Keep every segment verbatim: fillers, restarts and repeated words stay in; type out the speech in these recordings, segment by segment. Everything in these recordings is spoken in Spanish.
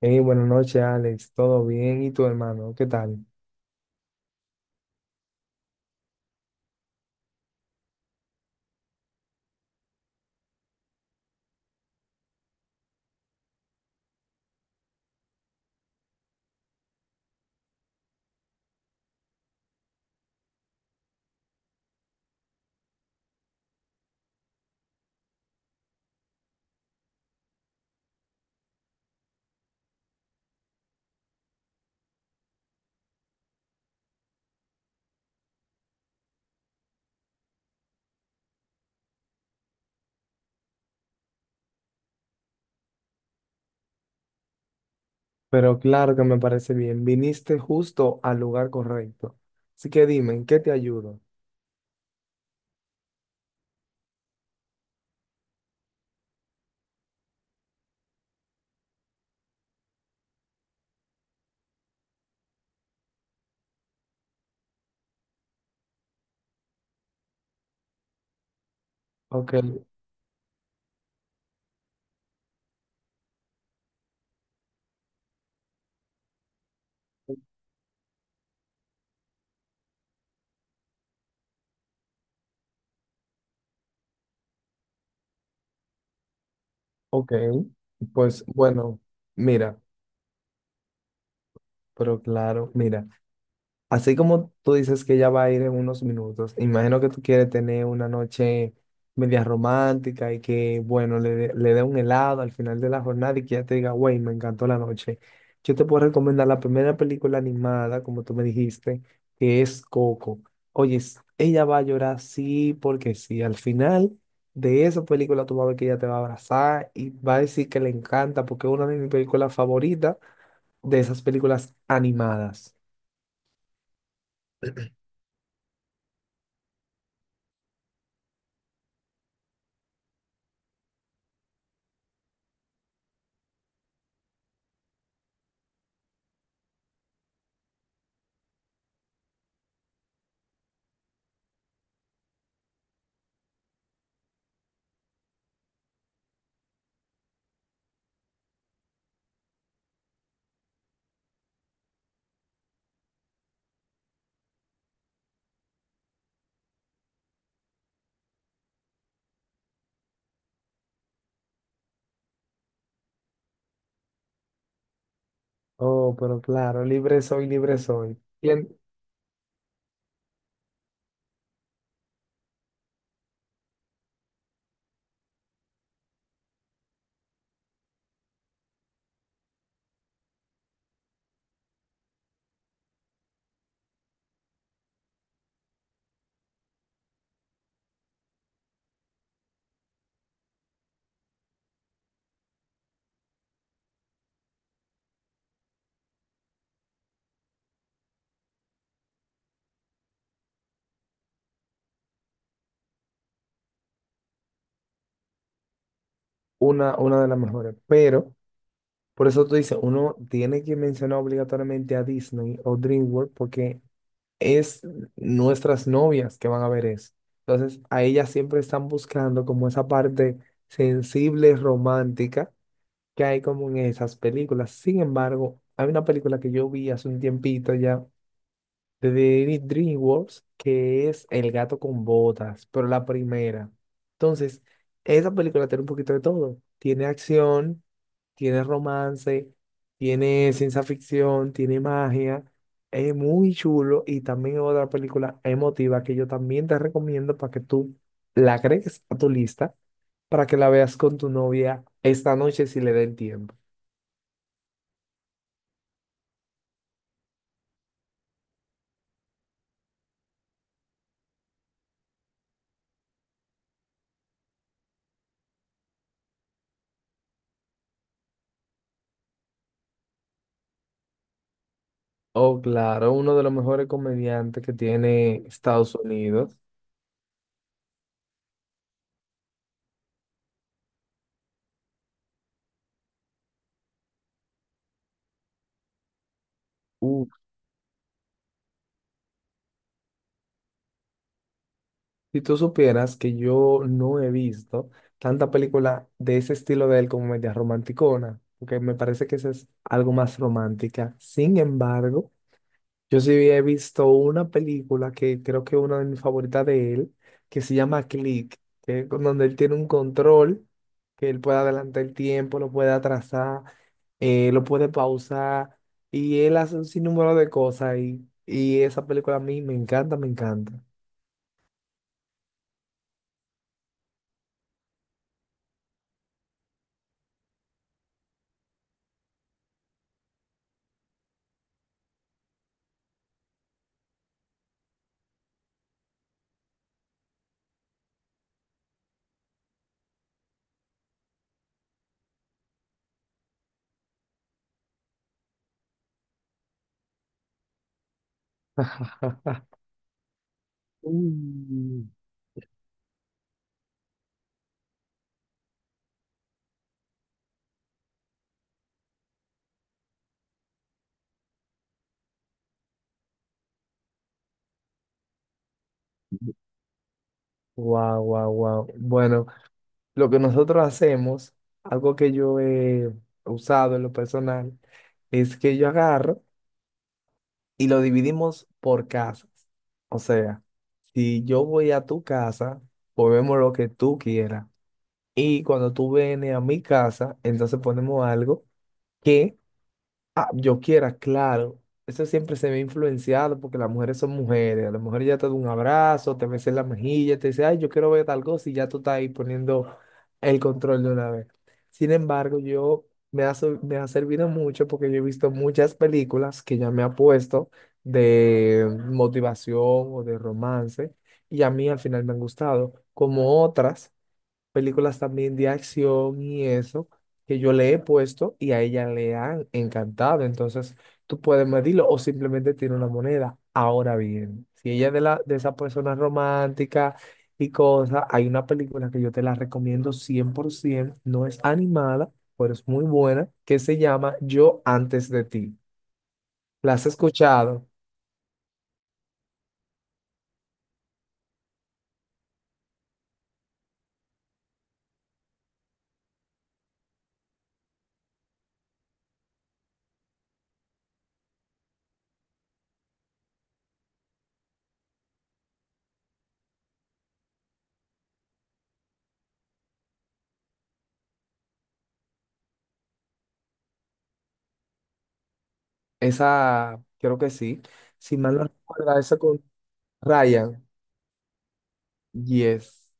Hey, buenas noches, Alex. ¿Todo bien? ¿Y tu hermano? ¿Qué tal? Pero claro que me parece bien. Viniste justo al lugar correcto. Así que dime, ¿en qué te ayudo? Ok, ok. Pues bueno, mira, pero claro, mira. Así como tú dices que ella va a ir en unos minutos, imagino que tú quieres tener una noche media romántica y que, bueno, le, dé- le dé un helado al final de la jornada y que ella te diga, güey, me encantó la noche. Yo te puedo recomendar la primera película animada, como tú me dijiste, que es Coco. Oye, es- ella va a llorar sí porque sí. Al final de esa película tú vas a ver que ella te va a abrazar y va a decir que le encanta porque es una de mis películas favoritas de esas películas animadas. Oh, pero claro, libre soy, libre soy. Bien, una, una de las mejores. Pero, por eso tú dices, uno tiene que mencionar obligatoriamente a Disney o DreamWorks porque es nuestras novias que van a ver eso. Entonces, a ellas siempre están buscando como esa parte sensible, romántica que hay como en esas películas. Sin embargo, hay una película que yo vi hace un tiempito ya de David DreamWorks, que es El gato con botas, pero la primera. Entonces, esa película tiene un poquito de todo. Tiene acción, tiene romance, tiene ciencia ficción, tiene magia. Es muy chulo y también otra película emotiva que yo también te recomiendo para que tú la agregues a tu lista para que la veas con tu novia esta noche si le da el tiempo. Oh, claro, uno de los mejores comediantes que tiene Estados Unidos. Si tú supieras que yo no he visto tanta película de ese estilo de él como media romanticona, porque me parece que esa es algo más romántica. Sin embargo, yo sí he visto una película que creo que es una de mis favoritas de él, que se llama Click, que es con- donde él tiene un control, que él puede adelantar el tiempo, lo puede atrasar, eh, lo puede pausar, y él hace un sinnúmero de cosas, y, y esa película a mí me encanta, me encanta. Mm. Wow, wow, wow. Bueno, lo que nosotros hacemos, algo que yo he usado en lo personal, es que yo agarro y lo dividimos por casas. O sea, si yo voy a tu casa, ponemos lo que tú quieras. Y cuando tú vienes a mi casa, entonces ponemos algo que… Ah, yo quiera, claro. Eso siempre se ve influenciado porque las mujeres son mujeres. A la mujer ya te da un abrazo, te besa en la mejilla, te dice, ay, yo quiero ver tal cosa y ya tú estás ahí poniendo el control de una vez. Sin embargo, yo me ha, so- me ha servido mucho porque yo he visto muchas películas que ya me ha puesto de motivación o de romance y a mí al final me han gustado, como otras películas también de acción y eso que yo le he puesto y a ella le han encantado. Entonces, tú puedes medirlo o simplemente tiene una moneda. Ahora bien, si ella es de la de esa persona romántica y cosas, hay una película que yo te la recomiendo cien por ciento, no es animada, pero es muy buena, que se llama Yo antes de ti. ¿La has escuchado? Esa, creo que sí. Si mal no recuerdo, esa con Ryan. Yes.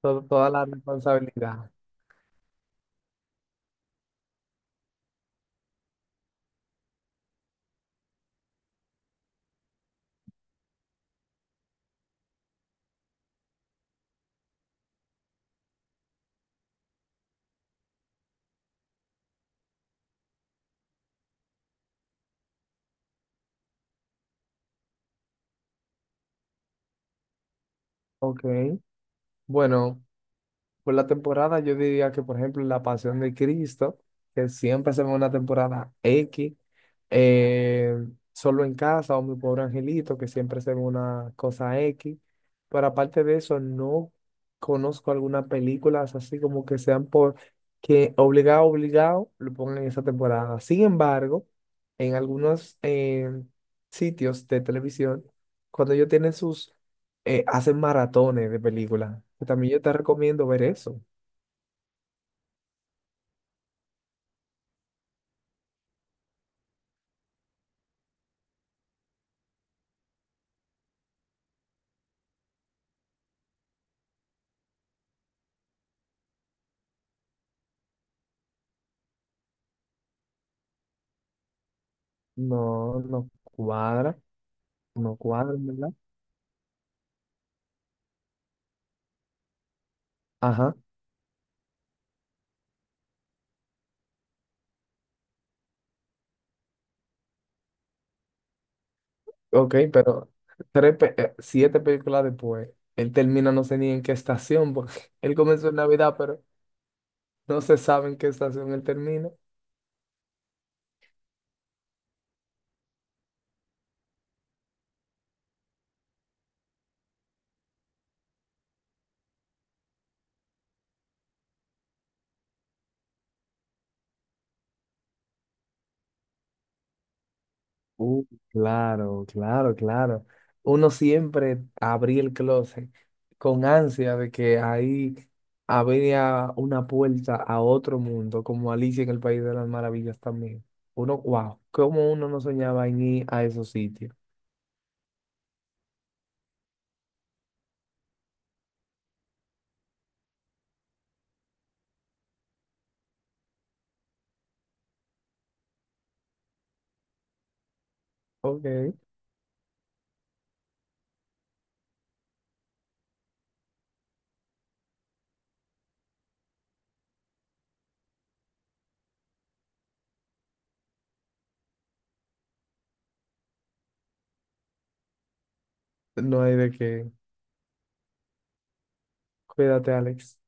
Todo- toda la responsabilidad. Ok, bueno, por la temporada yo diría que, por ejemplo, La Pasión de Cristo, que siempre se ve una temporada X, eh, Solo en Casa o Mi Pobre Angelito, que siempre se ve una cosa X, pero aparte de eso, no conozco algunas películas así como que sean por que obligado, obligado, lo pongan en esa temporada. Sin embargo, en algunos eh, sitios de televisión, cuando ellos tienen sus eh, hacen maratones de películas. Que También yo te recomiendo ver eso. No, no cuadra, no cuadra, ¿verdad? Ajá, ok, pero tres pe- eh, siete películas después, él termina no sé ni en qué estación, porque él comenzó en Navidad, pero no se sabe en qué estación él termina. Uh, claro, claro, claro. Uno siempre abría el closet con ansia de que ahí había una puerta a otro mundo, como Alicia en el País de las Maravillas también. Uno, wow, cómo uno no soñaba en ir a esos sitios. Ok, no hay de qué. Cuídate, Alex.